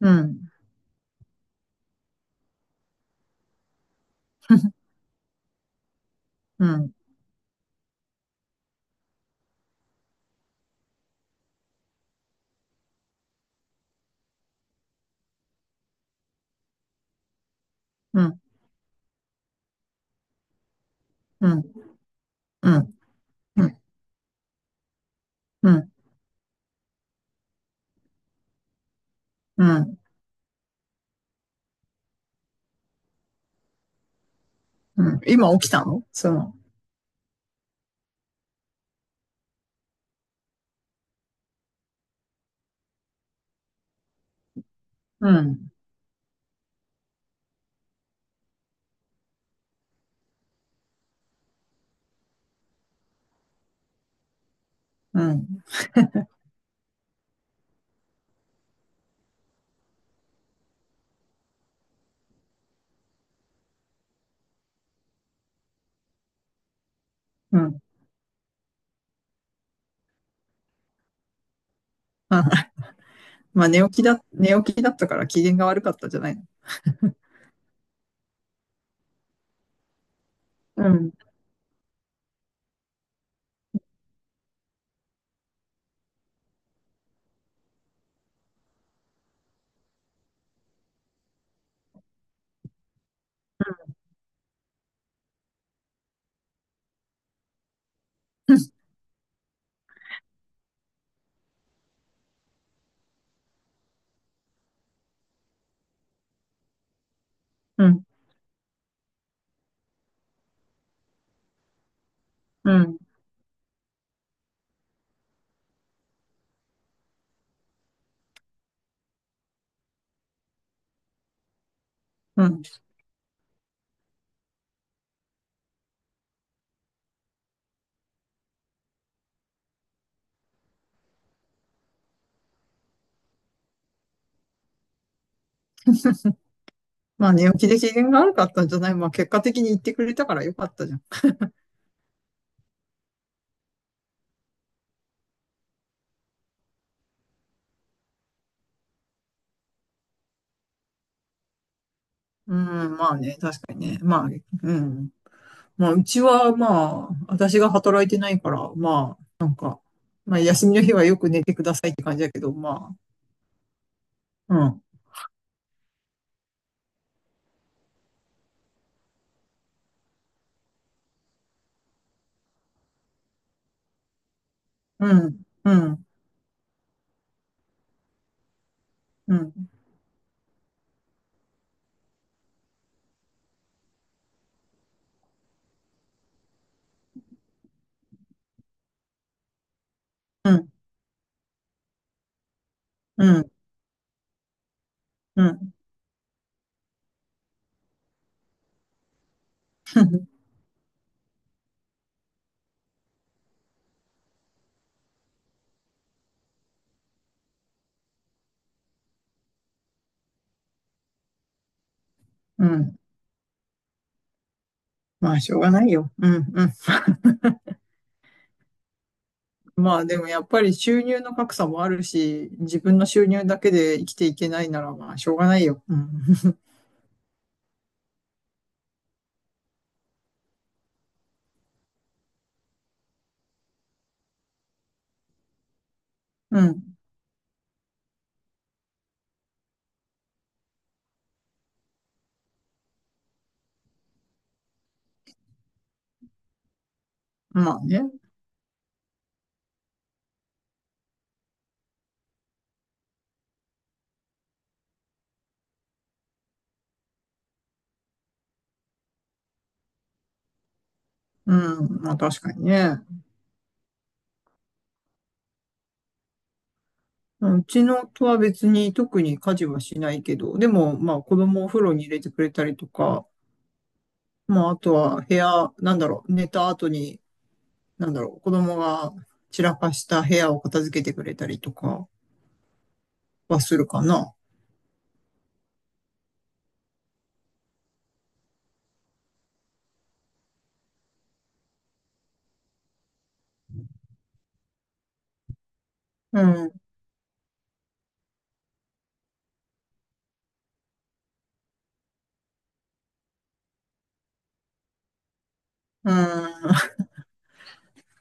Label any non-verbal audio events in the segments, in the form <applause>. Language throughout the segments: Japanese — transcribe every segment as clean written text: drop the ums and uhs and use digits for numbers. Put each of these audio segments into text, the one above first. うん。<laughs> うん、うん、うん、うん、うん、うん、うん、うん。今起きたのその、うん、うん、うん。あまあ寝起きだったから機嫌が悪かったじゃないの。うん、うん、うん、うん。まあ寝起きで機嫌が悪かったんじゃない。まあ結果的に言ってくれたからよかったじゃん。うん、まあね、確かにね。まあ、うん。まあうちはまあ、私が働いてないから、まあ、まあ休みの日はよく寝てくださいって感じだけど、まあ、うん、うん、うん、うん、うん。うん、うん、<laughs> うん。まあ、しょうがないよ。うん、うん。まあ、でもやっぱり収入の格差もあるし、自分の収入だけで生きていけないなら、まあ、しょうがないよ。うん、<laughs> うん。まあね。うん、まあ確かにね。うん、うちのとは別に特に家事はしないけど、でもまあ子供をお風呂に入れてくれたりとか、まああとは部屋、なんだろう、寝た後に、なんだろう、子供が散らかした部屋を片付けてくれたりとかはするかな。うん。うん。<laughs>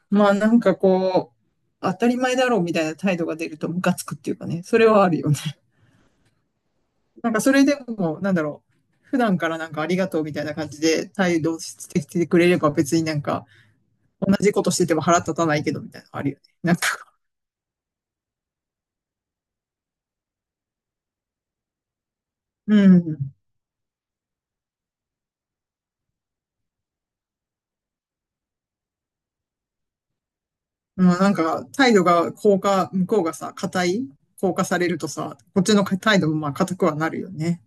まあなんかこう、当たり前だろうみたいな態度が出るとムカつくっていうかね、それはあるよね。<laughs> なんかそれでも、なんだろう。普段からなんかありがとうみたいな感じで態度してきてくれれば別になんか同じことしてても腹立たないけどみたいなのあるよね。なんか、うん。まあなんか態度が硬化、向こうがさ、硬化されるとさ、こっちの態度もまあ硬くはなるよね。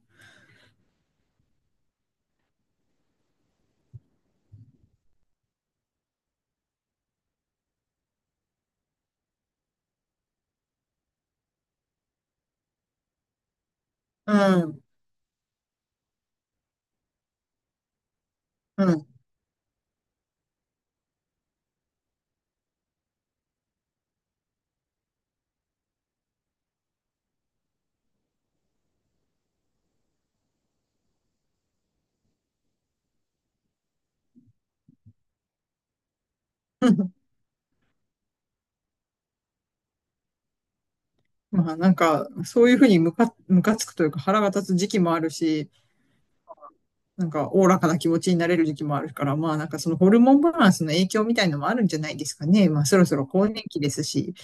うん。うん。<laughs> まあなんか、そういうふうにムカつくというか腹が立つ時期もあるし、なんか、おおらかな気持ちになれる時期もあるから、まあ、なんかそのホルモンバランスの影響みたいのもあるんじゃないですかね。まあ、そろそろ更年期ですし。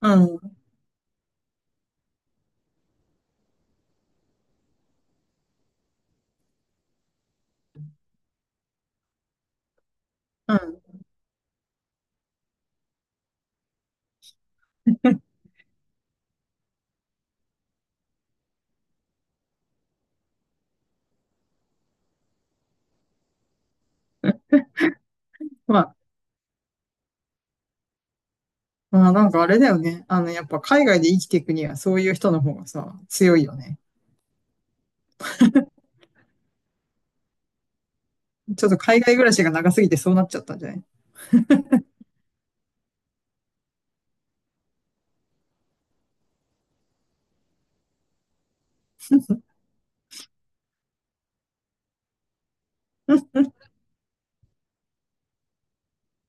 うん、うん。<laughs> まあ、まあ、なんかあれだよね。あの、やっぱ海外で生きていくには、そういう人の方がさ、強いよね。ちょっと海外暮らしが長すぎてそうなっちゃったんじゃない？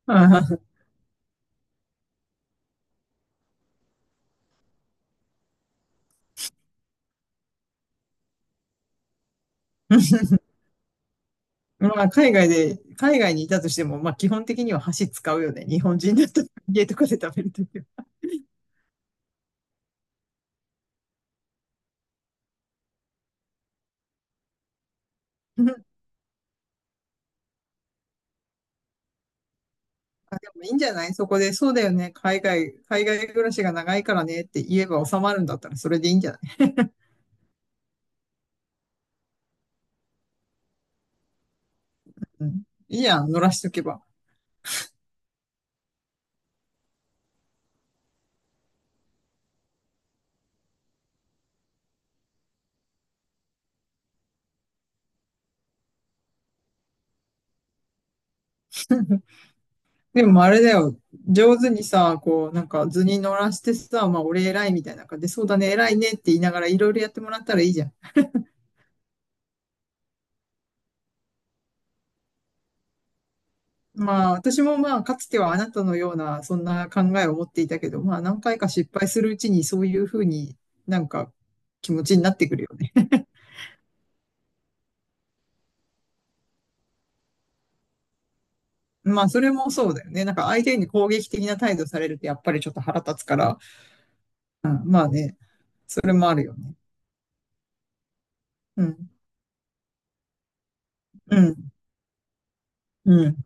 <laughs> まあ、海外にいたとしても、まあ、基本的には箸使うよね。日本人だったら家とかで食べるときは。<laughs> あ、でもいいんじゃないそこで、そうだよね。海外暮らしが長いからねって言えば収まるんだったらそれでいいんじゃない？うん。いいやん、乗らしとけば。<laughs> でもあれだよ。上手にさ、こう、なんか図に乗らしてさ、まあ俺偉いみたいな感じで、そうだね、偉いねって言いながらいろいろやってもらったらいいじゃん。まあ私もまあかつてはあなたのようなそんな考えを持っていたけど、まあ何回か失敗するうちにそういうふうになんか気持ちになってくるよね。まあ、それもそうだよね。なんか相手に攻撃的な態度されるとやっぱりちょっと腹立つから、うん、まあね、それもあるよね。うん、うん、うん、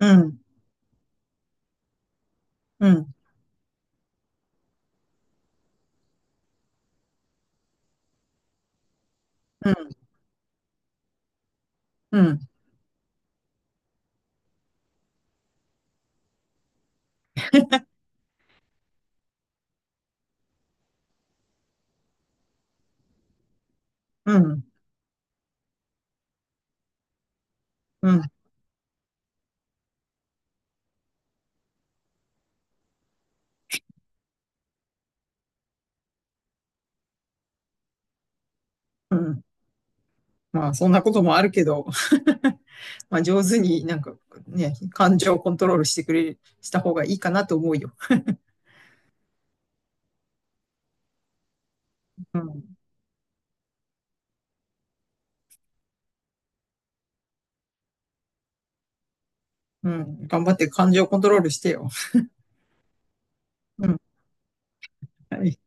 うん、うん、うん、うん、うん、うん、うん。まあ、そんなこともあるけど、<laughs> まあ、上手になんかね、感情をコントロールしてくれ、した方がいいかなと思うよ。うん、うん、頑張って感情をコントロールしてよ。うん、はい。